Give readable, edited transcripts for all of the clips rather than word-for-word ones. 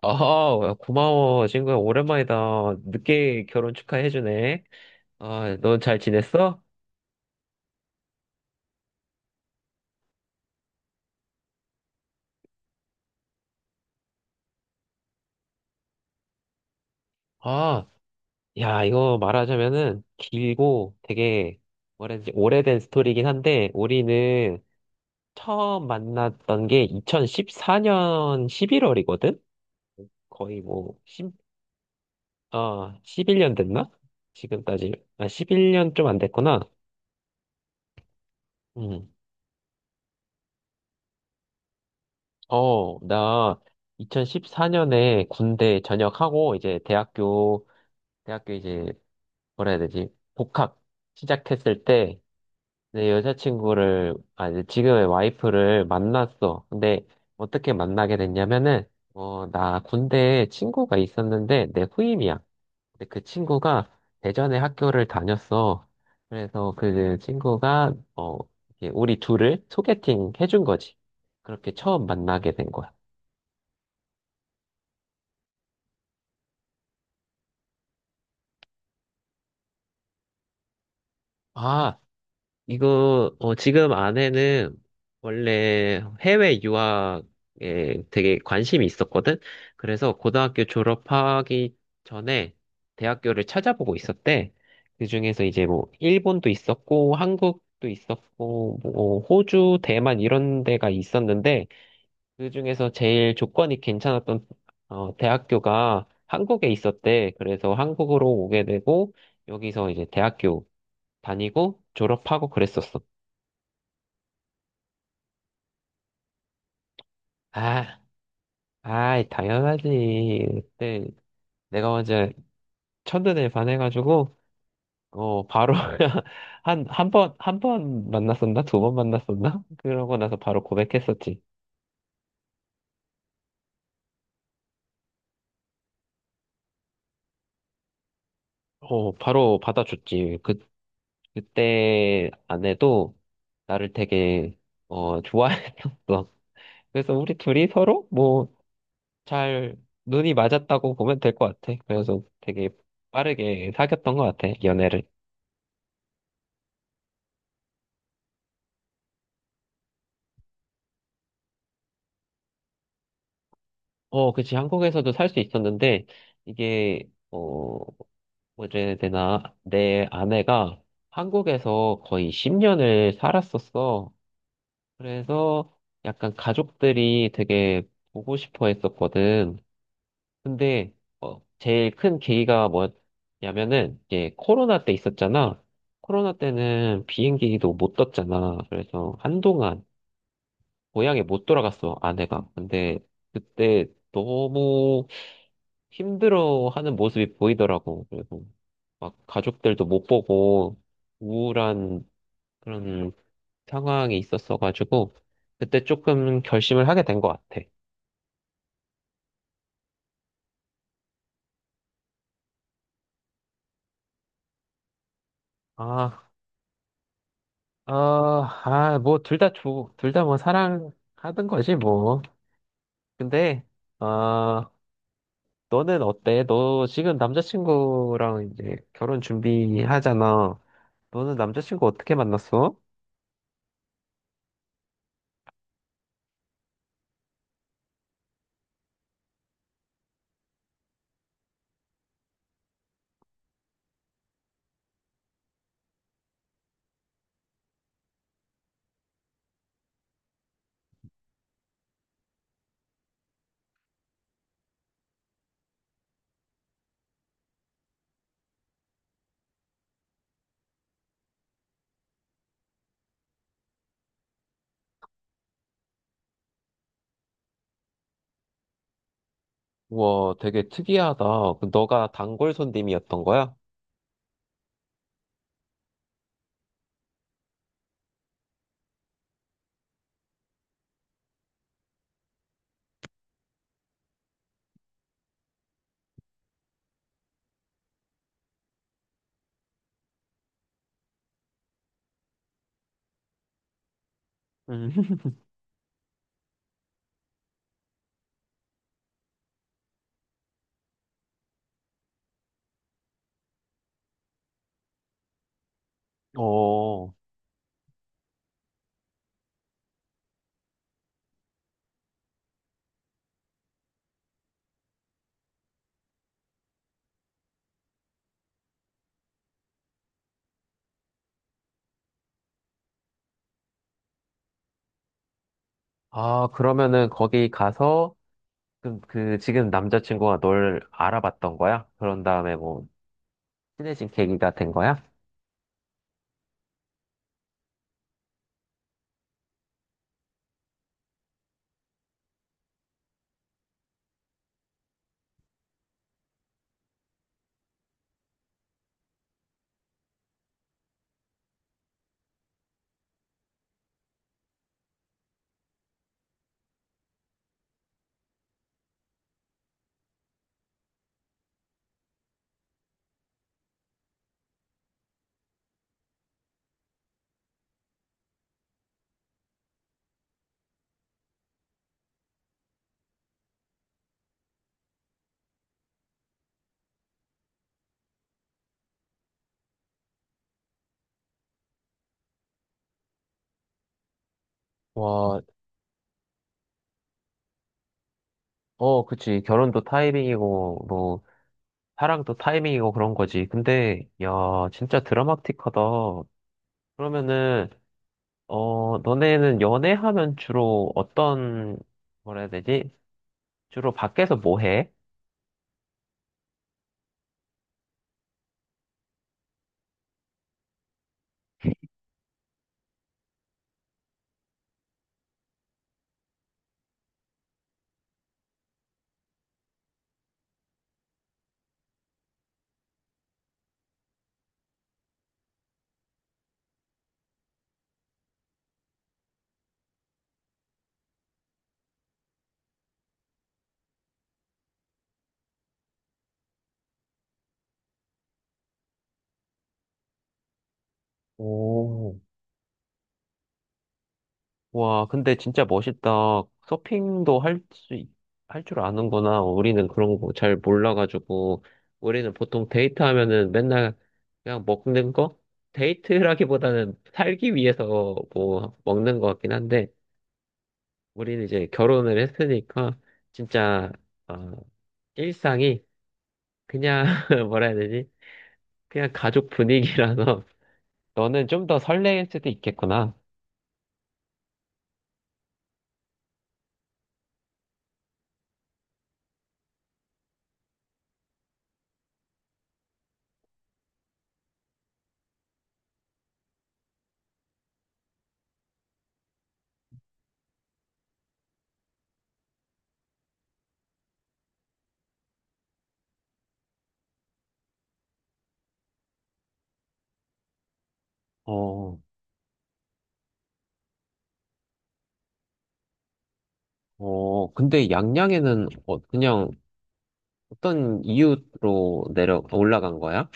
아, 고마워, 친구야. 오랜만이다. 늦게 결혼 축하해주네. 아, 넌 잘 지냈어? 아, 야, 이거 말하자면은 길고 되게 뭐라지 오래된 스토리긴 한데, 우리는 처음 만났던 게 2014년 11월이거든? 거의 뭐, 11년 됐나? 지금 따지, 아, 11년 좀 안 됐구나. 음, 나 2014년에 군대 전역하고 이제 대학교 이제 뭐라 해야 되지? 복학 시작했을 때 내 여자친구를 아 이제 지금의 와이프를 만났어. 근데 어떻게 만나게 됐냐면은 나 군대에 친구가 있었는데 내 후임이야. 근데 그 친구가 대전에 학교를 다녔어. 그래서 그 친구가 이렇게 우리 둘을 소개팅 해준 거지. 그렇게 처음 만나게 된 거야. 아, 지금 아내는 원래 해외 유학에 되게 관심이 있었거든? 그래서 고등학교 졸업하기 전에 대학교를 찾아보고 있었대. 그중에서 이제 뭐, 일본도 있었고, 한국도 있었고, 뭐, 호주, 대만 이런 데가 있었는데, 그중에서 제일 조건이 괜찮았던, 대학교가 한국에 있었대. 그래서 한국으로 오게 되고, 여기서 이제 대학교 다니고, 졸업하고 그랬었어. 아, 아, 당연하지. 그때 내가 먼저 첫눈에 반해가지고, 바로 한 번 만났었나? 두 번 만났었나? 그러고 나서 바로 고백했었지. 바로 받아줬지. 그때 아내도 나를 되게 좋아했었어. 그래서 우리 둘이 서로 뭐, 잘, 눈이 맞았다고 보면 될 것 같아. 그래서 되게 빠르게 사귀었던 것 같아, 연애를. 그치. 한국에서도 살 수 있었는데, 이게, 어, 뭐래 되나, 내 아내가 한국에서 거의 10년을 살았었어. 그래서 약간 가족들이 되게 보고 싶어 했었거든. 근데, 제일 큰 계기가 뭐냐면은, 이제 코로나 때 있었잖아. 코로나 때는 비행기도 못 떴잖아. 그래서 한동안 고향에 못 돌아갔어, 아내가. 근데 그때 너무 힘들어하는 모습이 보이더라고. 그래서 막 가족들도 못 보고 우울한 그런 상황이 있었어가지고 그때 조금 결심을 하게 된 것 같아. 아, 뭐 둘 다 뭐 사랑하던 거지 뭐. 근데 아, 너는 어때? 너 지금 남자친구랑 이제 결혼 준비하잖아. 너는 남자친구 어떻게 만났어? 우와, 되게 특이하다. 그 너가 단골 손님이었던 거야? 음. 어, 아, 그러면은 거기 가서 그 지금 남자친구가 널 알아봤던 거야? 그런 다음에 뭐 친해진 계기가 된 거야? 와, 어, 그치. 결혼도 타이밍이고, 뭐, 사랑도 타이밍이고 그런 거지. 근데, 야, 진짜 드라마틱하다. 그러면은, 너네는 연애하면 주로 어떤, 뭐라 해야 되지? 주로 밖에서 뭐 해? 오. 와, 근데 진짜 멋있다. 서핑도 할 줄 아는구나. 우리는 그런 거 잘 몰라가지고. 우리는 보통 데이트 하면은 맨날 그냥 먹는 거? 데이트라기보다는 살기 위해서 뭐 먹는 것 같긴 한데, 우리는 이제 결혼을 했으니까, 진짜, 어, 일상이 그냥, 뭐라 해야 되지? 그냥 가족 분위기라서, 너는 좀 더 설레일 수도 있겠구나. 어, 근데 양양에는 그냥 어떤 이유로 내려 올라간 거야?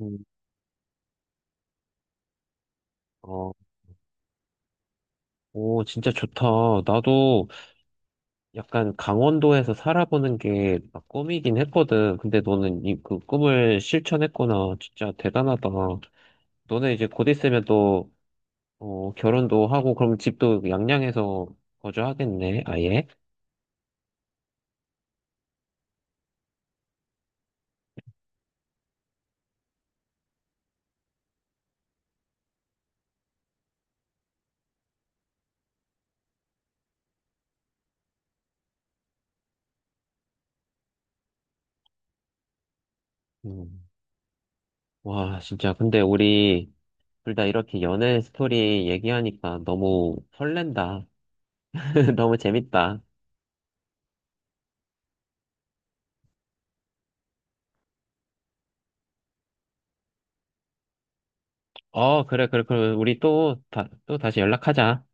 음, 어, 오, 진짜 좋다. 나도 약간 강원도에서 살아보는 게막 꿈이긴 했거든. 근데 너는 그 꿈을 실천했구나. 진짜 대단하다. 너네 이제 곧 있으면 또 결혼도 하고 그럼 집도 양양에서 거주하겠네. 아예. 음. 와, 진짜. 근데 우리 둘 다 이렇게 연애 스토리 얘기하니까 너무 설렌다. 너무 재밌다. 어, 그래, 그래, 그래. 우리 또 다시 연락하자.